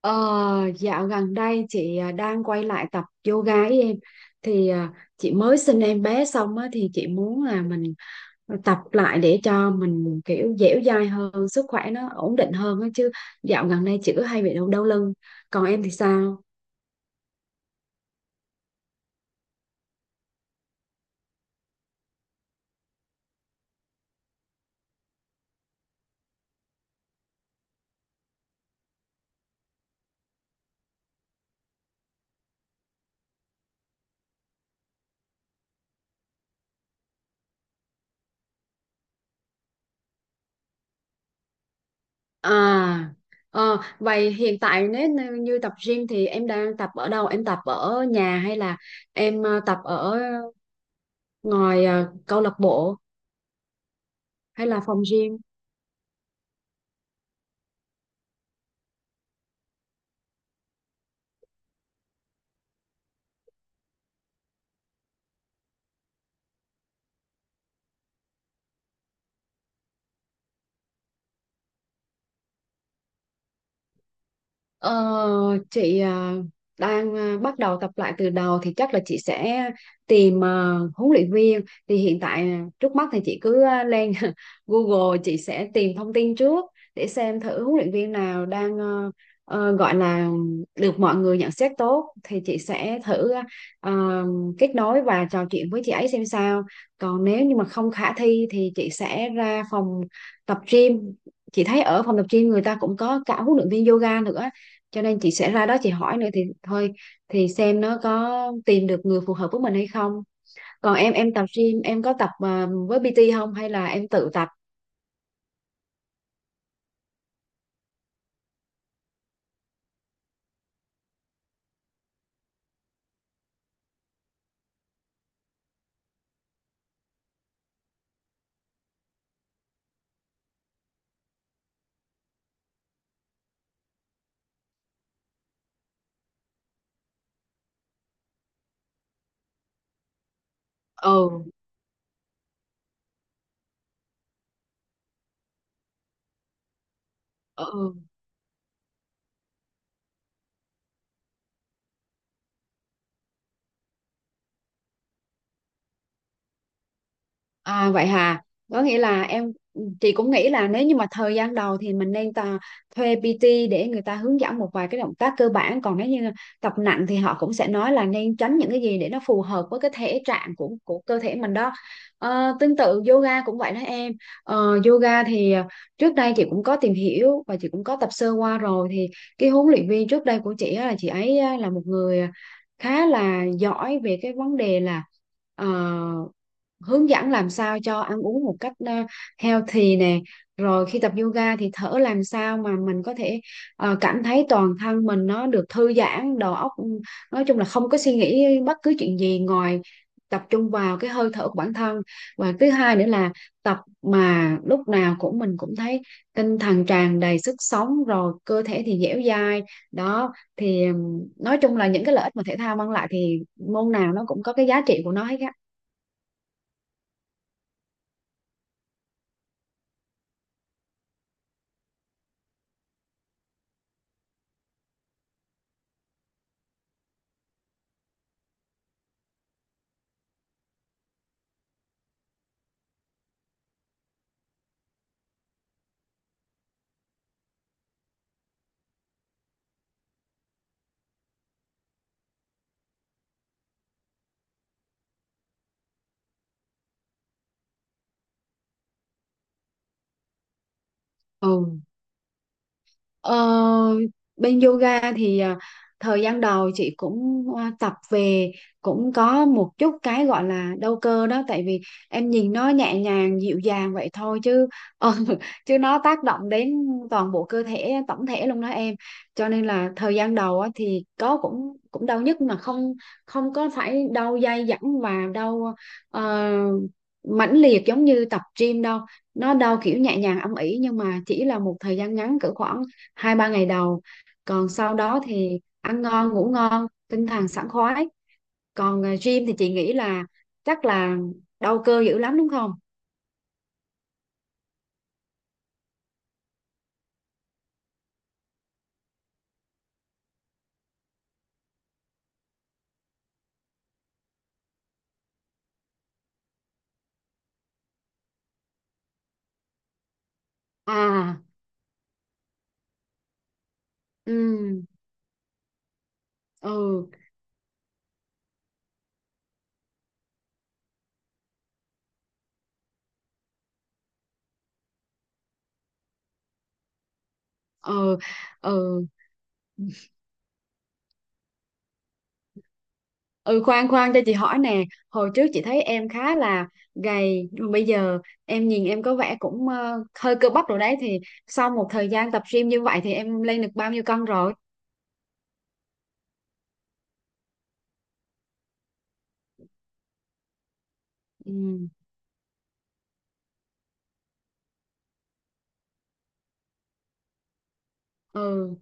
Ờ, dạo gần đây chị đang quay lại tập yoga ấy em. Thì chị mới sinh em bé xong á, thì chị muốn là mình tập lại để cho mình kiểu dẻo dai hơn, sức khỏe nó ổn định hơn á chứ. Dạo gần đây chị cứ hay bị đau đau lưng. Còn em thì sao? À, vậy hiện tại nếu như như tập gym thì em đang tập ở đâu? Em tập ở nhà hay là em tập ở ngoài, câu lạc bộ hay là phòng gym? Ờ, chị đang bắt đầu tập lại từ đầu thì chắc là chị sẽ tìm huấn luyện viên. Thì hiện tại trước mắt thì chị cứ lên Google, chị sẽ tìm thông tin trước để xem thử huấn luyện viên nào đang gọi là được mọi người nhận xét tốt, thì chị sẽ thử ờ, kết nối và trò chuyện với chị ấy xem sao. Còn nếu như mà không khả thi thì chị sẽ ra phòng tập gym. Chị thấy ở phòng tập gym người ta cũng có cả huấn luyện viên yoga nữa, cho nên chị sẽ ra đó chị hỏi nữa thì thôi, thì xem nó có tìm được người phù hợp với mình hay không. Còn em tập gym em có tập với PT không hay là em tự tập? Ừ. Ừ. À vậy hà, có nghĩa là chị cũng nghĩ là nếu như mà thời gian đầu thì mình nên thuê PT để người ta hướng dẫn một vài cái động tác cơ bản. Còn nếu như tập nặng thì họ cũng sẽ nói là nên tránh những cái gì để nó phù hợp với cái thể trạng của cơ thể mình đó. Ờ, tương tự yoga cũng vậy đó em. Ờ, yoga thì trước đây chị cũng có tìm hiểu và chị cũng có tập sơ qua rồi, thì cái huấn luyện viên trước đây của chị á, là chị ấy á, là một người khá là giỏi về cái vấn đề là ờ, hướng dẫn làm sao cho ăn uống một cách healthy nè, rồi khi tập yoga thì thở làm sao mà mình có thể cảm thấy toàn thân mình nó được thư giãn đầu óc, ừ, nói chung là không có suy nghĩ bất cứ chuyện gì ngoài tập trung vào cái hơi thở của bản thân. Và thứ hai nữa là tập mà lúc nào cũng mình cũng thấy tinh thần tràn đầy sức sống, rồi cơ thể thì dẻo dai. Đó thì nói chung là những cái lợi ích mà thể thao mang lại thì môn nào nó cũng có cái giá trị của nó hết á. Ừ. Ờ, bên yoga thì thời gian đầu chị cũng tập về cũng có một chút cái gọi là đau cơ đó, tại vì em nhìn nó nhẹ nhàng dịu dàng vậy thôi chứ ờ, chứ nó tác động đến toàn bộ cơ thể tổng thể luôn đó em. Cho nên là thời gian đầu á, thì có cũng cũng đau nhức mà không không có phải đau dai dẳng và đau ờ, mãnh liệt giống như tập gym đâu. Nó đau kiểu nhẹ nhàng âm ỉ nhưng mà chỉ là một thời gian ngắn cỡ khoảng hai ba ngày đầu. Còn sau đó thì ăn ngon ngủ ngon tinh thần sảng khoái. Còn gym thì chị nghĩ là chắc là đau cơ dữ lắm đúng không? À. Ừ. Ừ. Ừ. Ừ. Ừ, khoan khoan cho chị hỏi nè. Hồi trước chị thấy em khá là gầy nhưng mà bây giờ em nhìn em có vẻ cũng hơi cơ bắp rồi đấy. Thì sau một thời gian tập gym như vậy thì em lên được bao nhiêu cân rồi? Ừ. Ừ.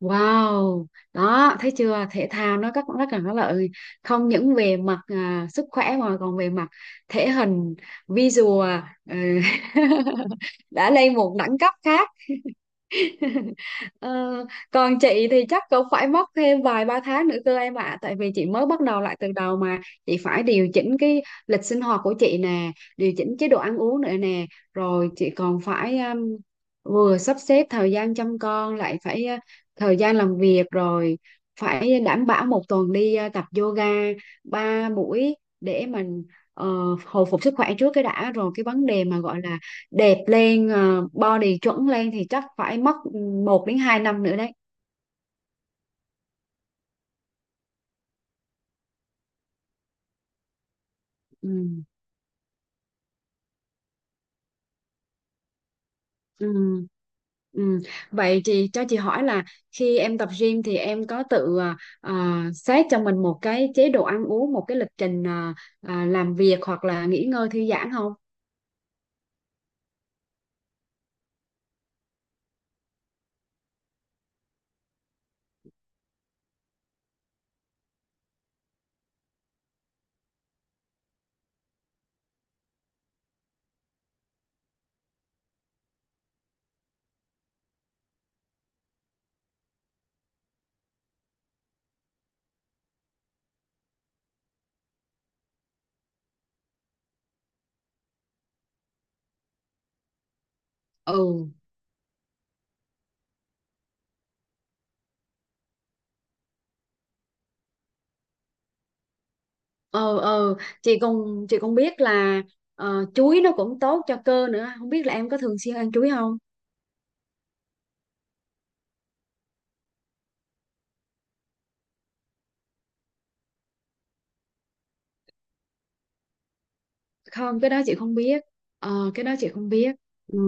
Wow, đó thấy chưa? Thể thao nó rất rất là có lợi, không những về mặt sức khỏe mà còn về mặt thể hình, visual, ờ, đã lên một đẳng cấp khác. Ờ, còn chị thì chắc cũng phải mất thêm vài ba tháng nữa cơ em ạ, tại vì chị mới bắt đầu lại từ đầu mà. Chị phải điều chỉnh cái lịch sinh hoạt của chị nè, điều chỉnh chế độ ăn uống nữa nè, rồi chị còn phải vừa sắp xếp thời gian chăm con, lại phải thời gian làm việc, rồi phải đảm bảo một tuần đi tập yoga ba buổi để mình ờ, hồi phục sức khỏe trước cái đã, rồi cái vấn đề mà gọi là đẹp lên body chuẩn lên thì chắc phải mất một đến 2 năm nữa đấy. Ừ. Ừ. Ừ. Vậy chị cho chị hỏi là khi em tập gym thì em có tự xét cho mình một cái chế độ ăn uống, một cái lịch trình làm việc hoặc là nghỉ ngơi thư giãn không? Ừ, ờ, ờ. Chị cũng biết là chuối nó cũng tốt cho cơ nữa. Không biết là em có thường xuyên ăn chuối không? Không, cái đó chị không biết. Ờ, cái đó chị không biết. Ừ.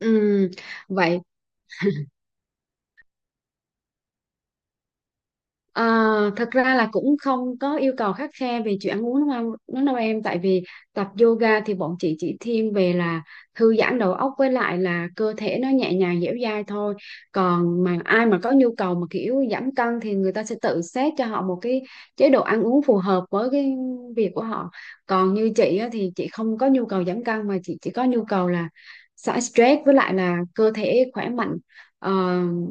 Ừ, vậy à, thật ra là cũng không có yêu cầu khắt khe về chuyện ăn uống đúng không đúng đâu em, tại vì tập yoga thì bọn chị chỉ thiên về là thư giãn đầu óc, với lại là cơ thể nó nhẹ nhàng dẻo dai thôi. Còn mà ai mà có nhu cầu mà kiểu giảm cân thì người ta sẽ tự xét cho họ một cái chế độ ăn uống phù hợp với cái việc của họ. Còn như chị á, thì chị không có nhu cầu giảm cân mà chị chỉ có nhu cầu là xả stress, với lại là cơ thể khỏe mạnh. Ờ,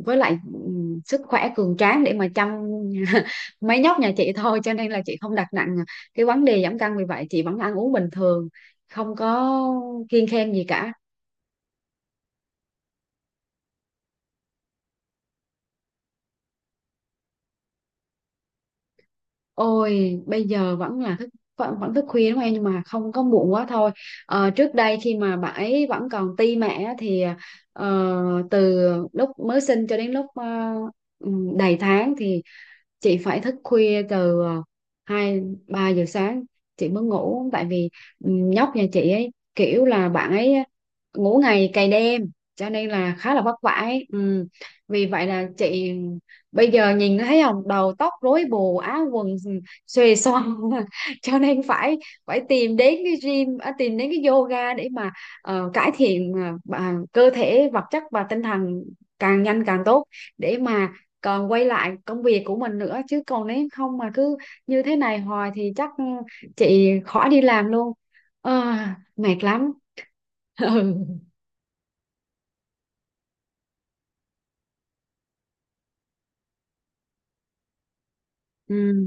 với lại sức khỏe cường tráng để mà chăm mấy nhóc nhà chị thôi, cho nên là chị không đặt nặng cái vấn đề giảm cân, vì vậy chị vẫn ăn uống bình thường, không có kiêng khem gì cả. Ôi bây giờ vẫn là thức vẫn thức khuya đúng không em, nhưng mà không có muộn quá thôi. Ờ, trước đây khi mà bà ấy vẫn còn ti mẹ á, thì ờ, từ lúc mới sinh cho đến lúc đầy tháng thì chị phải thức khuya từ hai ba giờ sáng chị mới ngủ, tại vì ừ, nhóc nhà chị ấy kiểu là bạn ấy ngủ ngày cày đêm, cho nên là khá là vất vả ấy. Ừ. Vì vậy là chị bây giờ nhìn thấy không, đầu tóc rối bù, áo quần xuề xoa. Cho nên phải phải tìm đến cái gym, tìm đến cái yoga để mà cải thiện cơ thể vật chất và tinh thần càng nhanh càng tốt, để mà còn quay lại công việc của mình nữa chứ. Còn nếu không mà cứ như thế này hoài thì chắc ừ, chị khỏi đi làm luôn. Ờ, mệt lắm. Ừ. Ừ.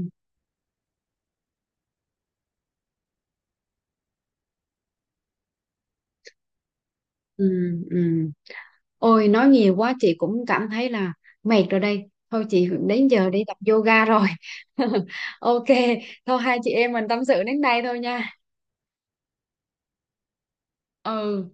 Ừ. Ừ. Ôi nói nhiều quá chị cũng cảm thấy là mệt rồi đây, thôi chị đến giờ đi tập yoga rồi. OK, thôi hai chị em mình tâm sự đến đây thôi nha. Ừ.